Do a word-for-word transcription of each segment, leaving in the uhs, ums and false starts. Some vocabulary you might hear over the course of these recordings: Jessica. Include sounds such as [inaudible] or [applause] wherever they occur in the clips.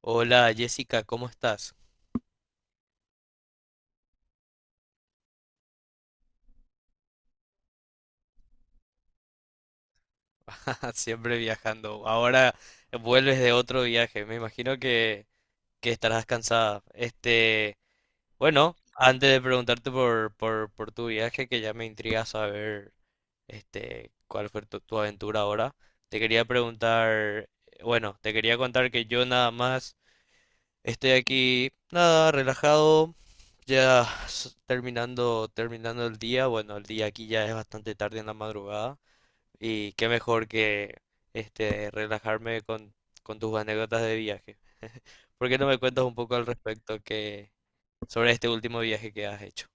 Hola Jessica, ¿cómo estás? [laughs] Siempre viajando. Ahora vuelves de otro viaje. Me imagino que, que estarás cansada. Este, bueno, antes de preguntarte por, por, por tu viaje, que ya me intriga saber este, cuál fue tu, tu aventura ahora, te quería preguntar, bueno, te quería contar que yo nada más estoy aquí, nada, relajado, ya s- terminando, terminando el día. Bueno, el día aquí ya es bastante tarde en la madrugada. Y qué mejor que este relajarme con, con tus anécdotas de viaje. ¿Por qué no me cuentas un poco al respecto que sobre este último viaje que has hecho?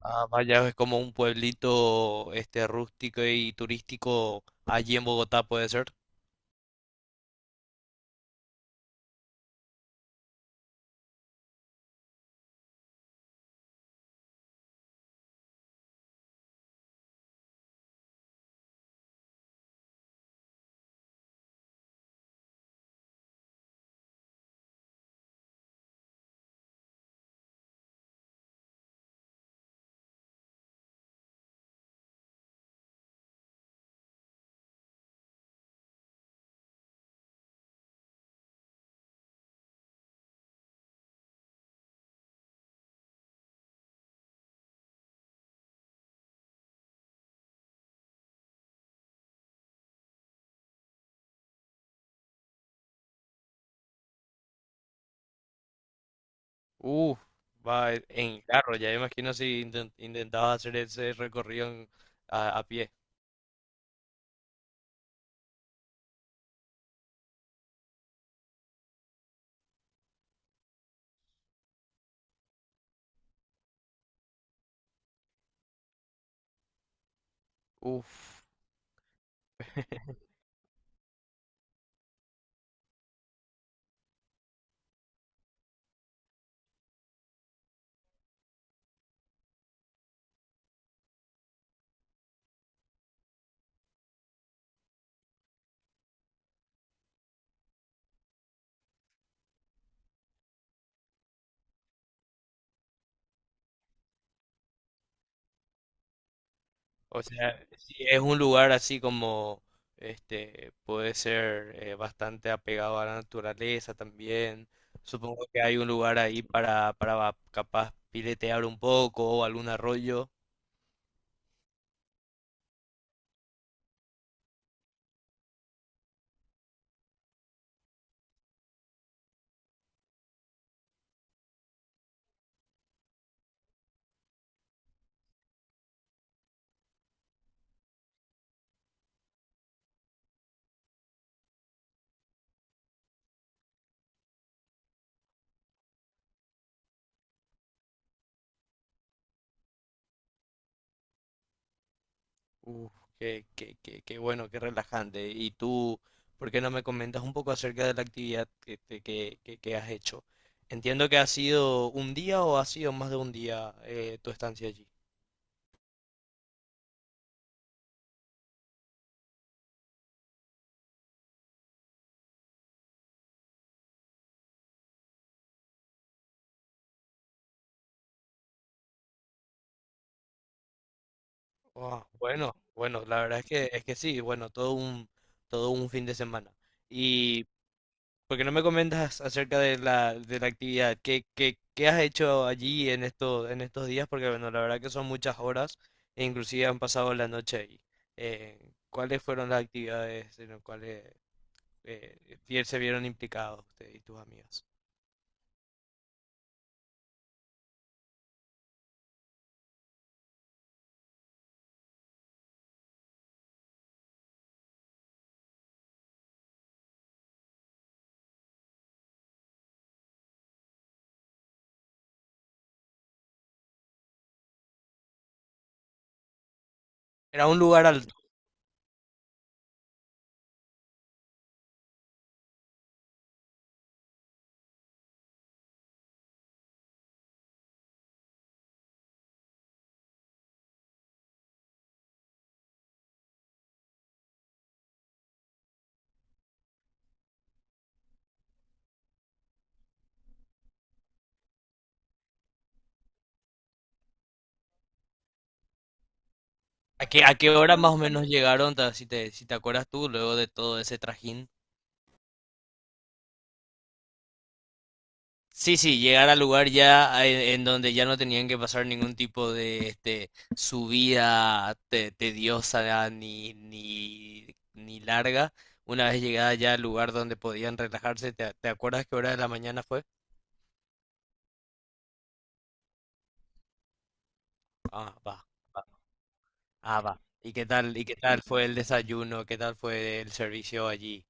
Ah, vaya, es como un pueblito este rústico y turístico allí en Bogotá, ¿puede ser? Uf, va en en carro, ya imagino si inten- intentabas hacer ese recorrido en- a a pie. Uf, o sea, sí, es un lugar así como, este, puede ser eh, bastante apegado a la naturaleza también. Supongo que hay un lugar ahí para, para va- capaz piletear un poco o algún arroyo. Uf, qué, qué, qué, qué bueno, qué relajante. Y tú, ¿por qué no me comentas un poco acerca de la actividad que, que, que, que- que has hecho? Entiendo que ha sido un día o ha sido más de un día eh, tu estancia allí. Ah, bueno, bueno, la verdad es que es que sí, bueno, todo un todo un fin de semana. ¿Y por qué no me comentas acerca de la de la actividad? ¿Qué, qué, qué has hecho allí en estos en estos días? Porque bueno, la verdad que son muchas horas e inclusive han pasado la noche ahí. Eh, ¿cuáles fueron las actividades en las cuales eh, fie- se vieron implicados usted y tus amigos? Era un lugar alto. ¿A qué a qué hora más o menos llegaron, ta- si te si te acuerdas tú, luego de todo ese trajín? Sí, sí, llegar al lugar ya a- en, en donde ya no tenían que pasar ningún tipo de este, subida te- tediosa ni, ni, ni larga. Una vez llegada ya al lugar donde podían relajarse, ¿te, te acuerdas qué hora de la mañana fue? Ah, va, va. Ah, va. ¿Y qué tal, y qué tal fue el desayuno? ¿Qué tal fue el servicio allí?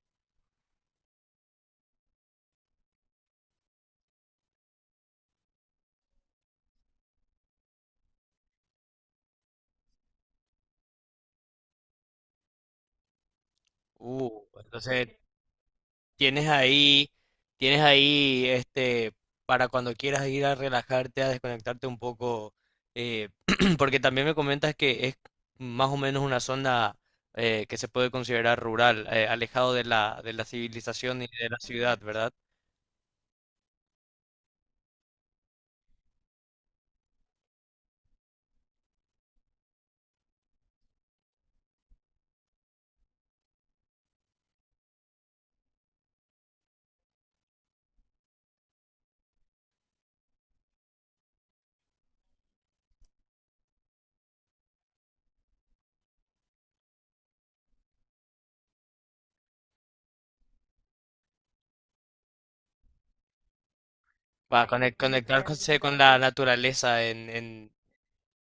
Uh, entonces Tienes ahí, tienes ahí, este, para cuando quieras ir a relajarte, a desconectarte un poco, eh, [clears throat] porque también me comentas que es más o menos una zona eh, que se puede considerar rural, eh, alejado de la, de la civilización y de la ciudad, ¿verdad? Para conec- conectarse con la naturaleza en, en,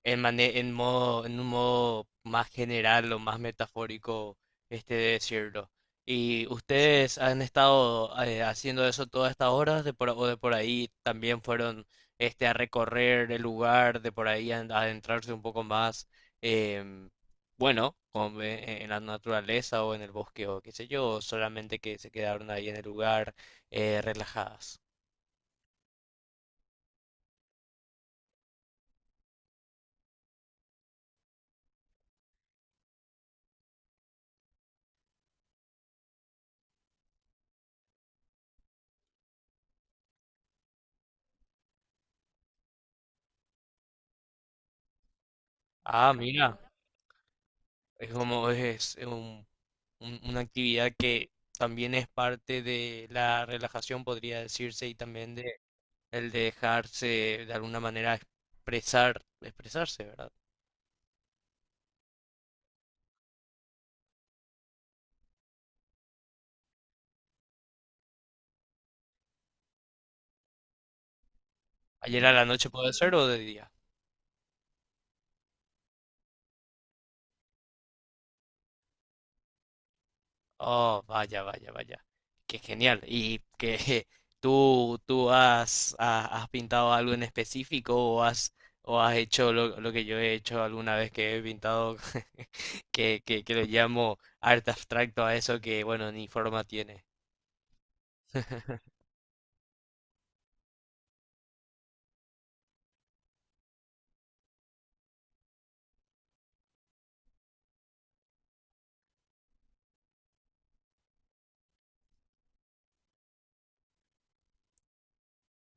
en, mane- en modo, en un modo más general o más metafórico, este de decirlo. ¿Y ustedes han estado eh, haciendo eso todas estas horas de por, o de por ahí también fueron este a recorrer el lugar, de por ahí a adentrarse un poco más, em, bueno, como e- e- en la naturaleza o en el bosque o qué sé yo, o solamente que se quedaron ahí en el lugar eh, relajadas? Ah, mira, es como es, es un un- una actividad que también es parte de la relajación, podría decirse, y también de el de dejarse de alguna manera expresar, expresarse, ¿verdad? Ayer a la noche puede ser o de día. Oh, vaya, vaya, vaya. Qué genial. Y que [laughs] tú, tú has, ha- has pintado algo en específico o has, o has hecho lo, lo que yo he hecho alguna vez que he pintado, [laughs] que, que, que lo llamo arte abstracto a eso que, bueno, ni forma tiene. [laughs]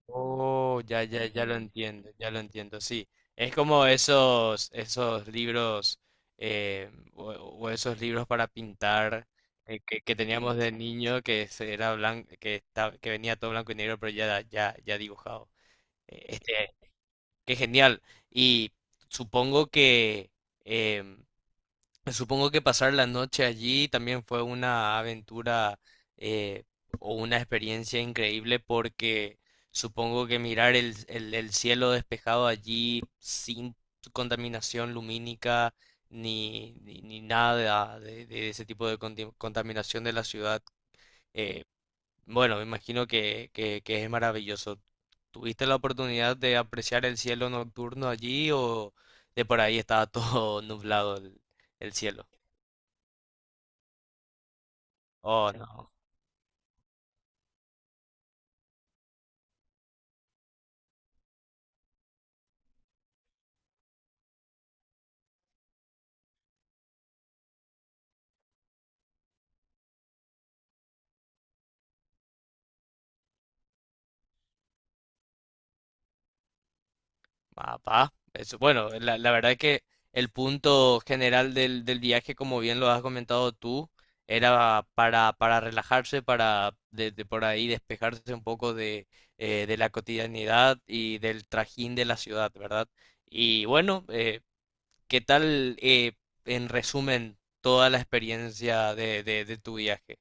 Oh, ya, ya, ya lo entiendo, ya lo entiendo, sí. Es como esos, esos libros eh, o, o esos libros para pintar eh, que, que teníamos de niño que se- era blanco, que esta- que venía todo blanco y negro, pero ya, ya, ya dibujado. Eh, Este, qué genial. Y supongo que em, supongo que pasar la noche allí también fue una aventura eh, o una experiencia increíble porque supongo que mirar el, el- el cielo despejado allí sin contaminación lumínica ni, ni, ni nada de, de ese tipo de conti- contaminación de la ciudad, eh, bueno, me imagino que, que, que es maravilloso. ¿Tuviste la oportunidad de apreciar el cielo nocturno allí o de por ahí estaba todo [laughs] nublado el el cielo? Oh, no, papá. Eso, bueno, la, la verdad que el punto general del, del viaje, como bien lo has comentado tú, era para, para relajarse, para de, de por ahí despejarse un poco de, eh, de la cotidianidad y del trajín de la ciudad, ¿verdad? Y bueno, eh, ¿qué tal, eh, en resumen, toda la experiencia de, de, de tu viaje?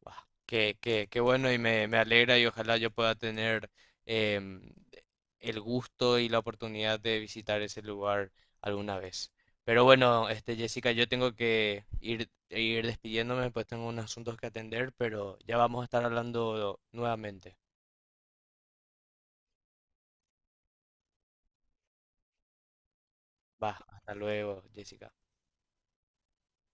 Guau, Qué, qué- qué bueno y me, me alegra y ojalá yo pueda tener em, el gusto y la oportunidad de visitar ese lugar alguna vez. Pero bueno, este, Jessica, yo tengo que ir, ir despidiéndome, pues tengo unos asuntos que atender, pero ya vamos a estar hablando nuevamente. Va, hasta luego, Jessica.